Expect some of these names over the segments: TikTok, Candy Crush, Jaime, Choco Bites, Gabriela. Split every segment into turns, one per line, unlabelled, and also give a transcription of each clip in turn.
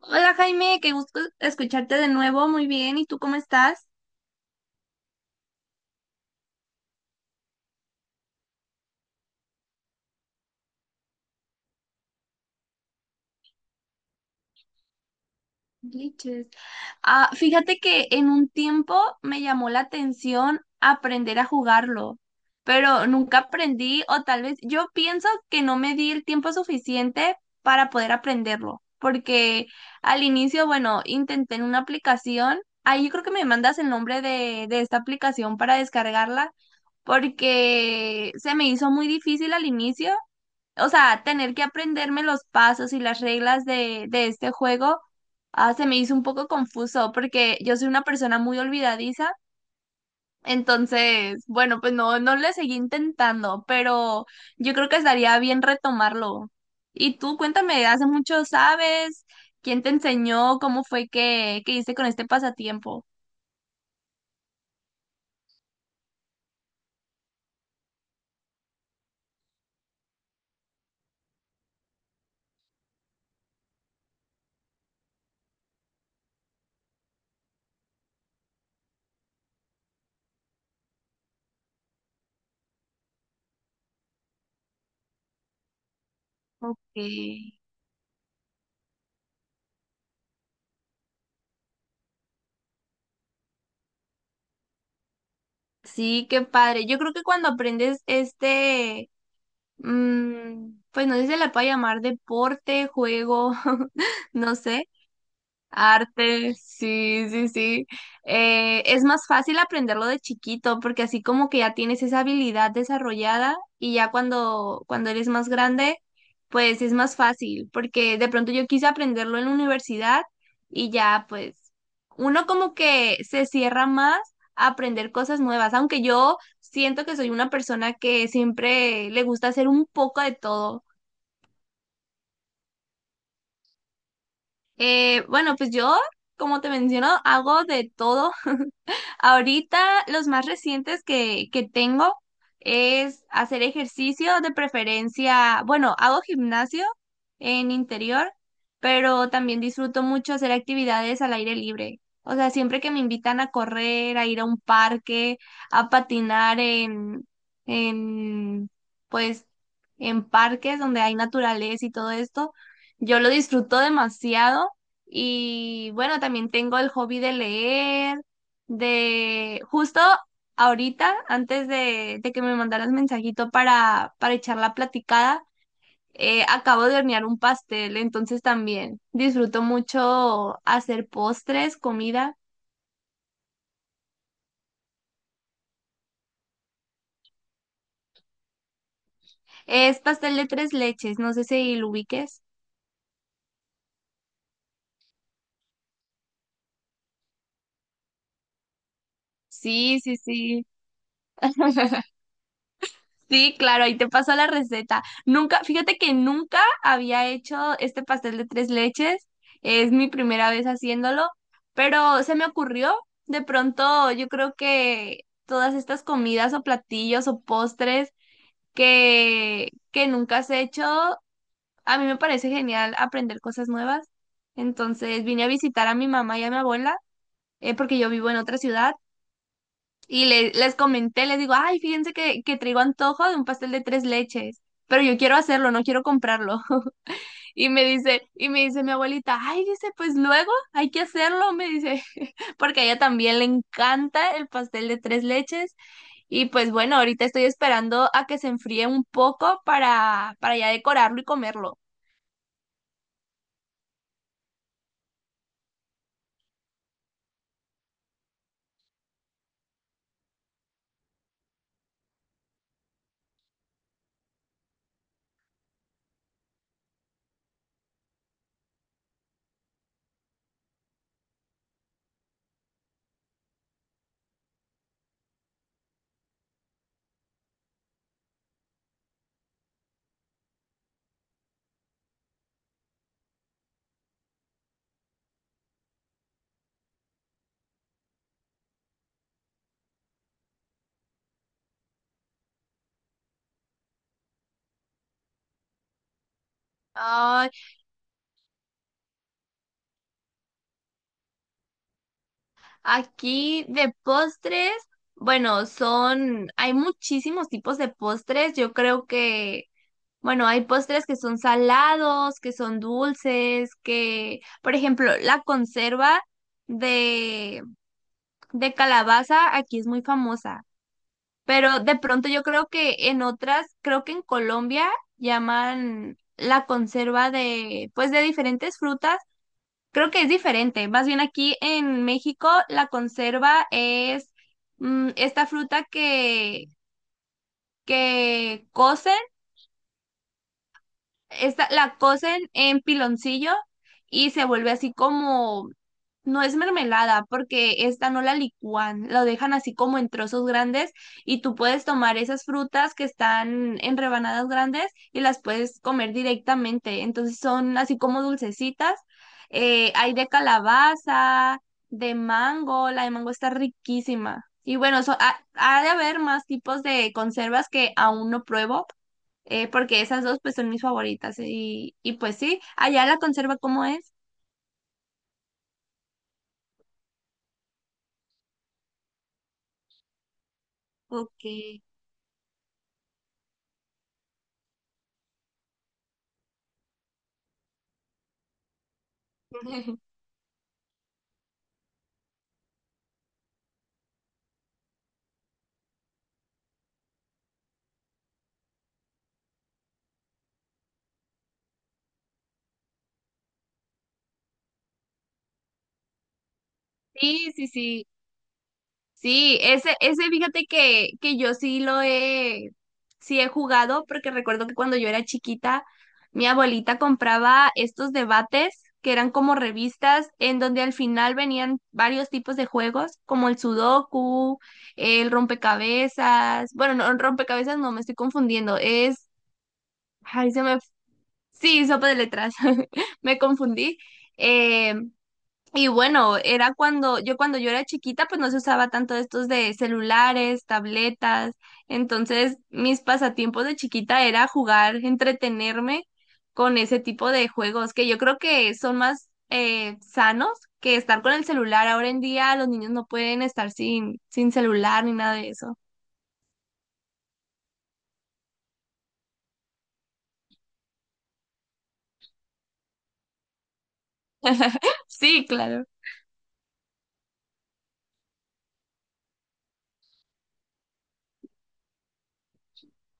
Hola Jaime, qué gusto escucharte de nuevo. Muy bien, ¿y tú cómo estás? Glitches. Fíjate que en un tiempo me llamó la atención aprender a jugarlo, pero nunca aprendí o tal vez yo pienso que no me di el tiempo suficiente para poder aprenderlo, porque al inicio, bueno, intenté en una aplicación, ahí yo creo que me mandas el nombre de esta aplicación para descargarla, porque se me hizo muy difícil al inicio, o sea, tener que aprenderme los pasos y las reglas de este juego, se me hizo un poco confuso porque yo soy una persona muy olvidadiza. Entonces, bueno, pues no, no le seguí intentando, pero yo creo que estaría bien retomarlo. Y tú, cuéntame, ¿hace mucho sabes? ¿Quién te enseñó? ¿Cómo fue que hiciste con este pasatiempo? Ok. Sí, qué padre. Yo creo que cuando aprendes este, mm, pues no sé si se la puede llamar deporte, juego, no sé. Arte, sí, sí, sí. Es más fácil aprenderlo de chiquito porque así como que ya tienes esa habilidad desarrollada y ya cuando eres más grande, pues es más fácil porque de pronto yo quise aprenderlo en la universidad y ya, pues uno como que se cierra más a aprender cosas nuevas, aunque yo siento que soy una persona que siempre le gusta hacer un poco de todo. Bueno, pues yo, como te menciono, hago de todo. Ahorita los más recientes que tengo es hacer ejercicio de preferencia, bueno, hago gimnasio en interior, pero también disfruto mucho hacer actividades al aire libre. O sea, siempre que me invitan a correr, a ir a un parque, a patinar en, pues, en parques donde hay naturaleza y todo esto, yo lo disfruto demasiado. Y bueno, también tengo el hobby de leer. De justo ahorita, antes de que me mandaras mensajito para echar la platicada, acabo de hornear un pastel, entonces también disfruto mucho hacer postres, comida. Es pastel de tres leches, no sé si lo ubiques. Sí, sí, sí. Sí, claro, ahí te paso la receta. Nunca, fíjate que nunca había hecho este pastel de tres leches. Es mi primera vez haciéndolo, pero se me ocurrió. De pronto, yo creo que todas estas comidas o platillos o postres que nunca has hecho, a mí me parece genial aprender cosas nuevas. Entonces vine a visitar a mi mamá y a mi abuela, porque yo vivo en otra ciudad. Y les comenté, les digo, ay, fíjense que traigo antojo de un pastel de tres leches, pero yo quiero hacerlo, no quiero comprarlo. Y me dice mi abuelita, ay, dice, pues luego hay que hacerlo, me dice, porque a ella también le encanta el pastel de tres leches. Y pues bueno, ahorita estoy esperando a que se enfríe un poco para ya decorarlo y comerlo. Ay, aquí de postres, bueno, son, hay muchísimos tipos de postres. Yo creo que bueno, hay postres que son salados, que son dulces, que, por ejemplo, la conserva de, de calabaza aquí es muy famosa, pero de pronto yo creo que en otras, creo que en Colombia llaman la conserva de, pues de diferentes frutas, creo que es diferente. Más bien aquí en México la conserva es, mm, esta fruta que cocen esta, la cocen en piloncillo y se vuelve así como, no es mermelada, porque esta no la licúan, lo dejan así como en trozos grandes y tú puedes tomar esas frutas que están en rebanadas grandes y las puedes comer directamente. Entonces son así como dulcecitas. Hay de calabaza, de mango, la de mango está riquísima. Y bueno, so- ha ha de haber más tipos de conservas que aún no pruebo, porque esas dos pues son mis favoritas y pues sí, allá la conserva como es. Ok. Sí, sí, sí. Sí, ese fíjate que yo sí lo he, sí he jugado, porque recuerdo que cuando yo era chiquita, mi abuelita compraba estos debates que eran como revistas en donde al final venían varios tipos de juegos, como el sudoku, el rompecabezas, bueno, no, rompecabezas no, me estoy confundiendo, es, ay, se me... Sí, sopa de letras. Me confundí. Eh, y bueno, era cuando yo era chiquita, pues no se usaba tanto estos de celulares, tabletas. Entonces, mis pasatiempos de chiquita era jugar, entretenerme con ese tipo de juegos que yo creo que son más sanos que estar con el celular. Ahora en día los niños no pueden estar sin celular ni nada de eso. Sí, claro.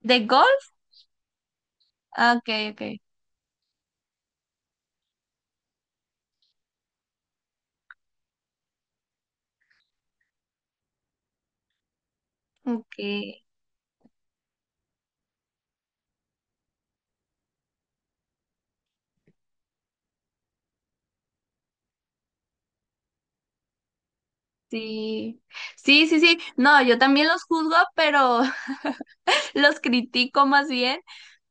¿De golf? Ah, ok, ok. Ok. Sí, sí, sí, sí. No, yo también los juzgo, pero los critico más bien.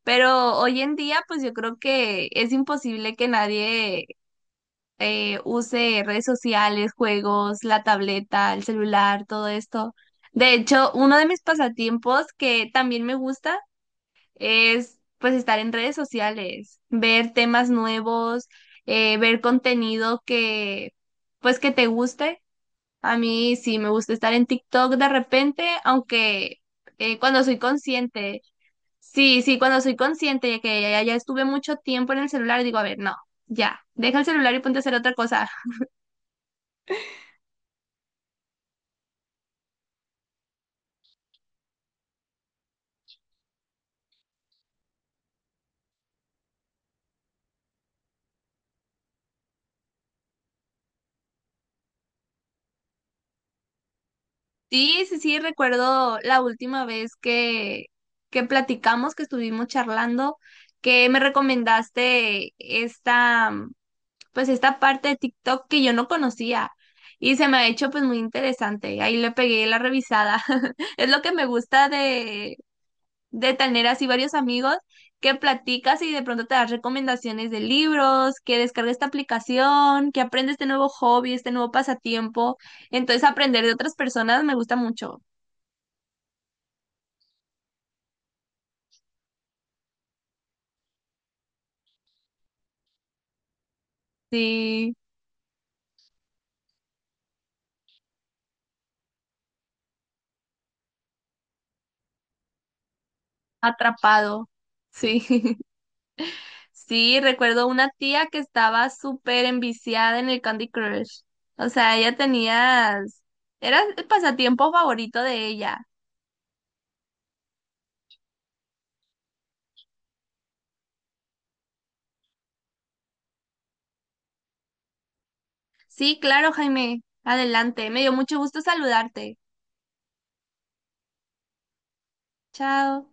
Pero hoy en día, pues yo creo que es imposible que nadie use redes sociales, juegos, la tableta, el celular, todo esto. De hecho, uno de mis pasatiempos que también me gusta es pues estar en redes sociales, ver temas nuevos, ver contenido que pues que te guste. A mí sí me gusta estar en TikTok de repente, aunque cuando soy consciente, sí, sí, cuando soy consciente de que ya, ya estuve mucho tiempo en el celular, digo, a ver, no, ya, deja el celular y ponte a hacer otra cosa. Sí, sí, sí, recuerdo la última vez que platicamos, que estuvimos charlando, que me recomendaste esta, pues esta parte de TikTok que yo no conocía y se me ha hecho pues muy interesante. Ahí le pegué la revisada. Es lo que me gusta de tener así varios amigos que platicas y de pronto te das recomendaciones de libros, que descargues esta aplicación, que aprendes este nuevo hobby, este nuevo pasatiempo. Entonces aprender de otras personas me gusta mucho. Sí, atrapado. Sí. Sí, recuerdo una tía que estaba súper enviciada en el Candy Crush. O sea, ella tenía... Era el pasatiempo favorito de ella. Sí, claro, Jaime. Adelante. Me dio mucho gusto saludarte. Chao.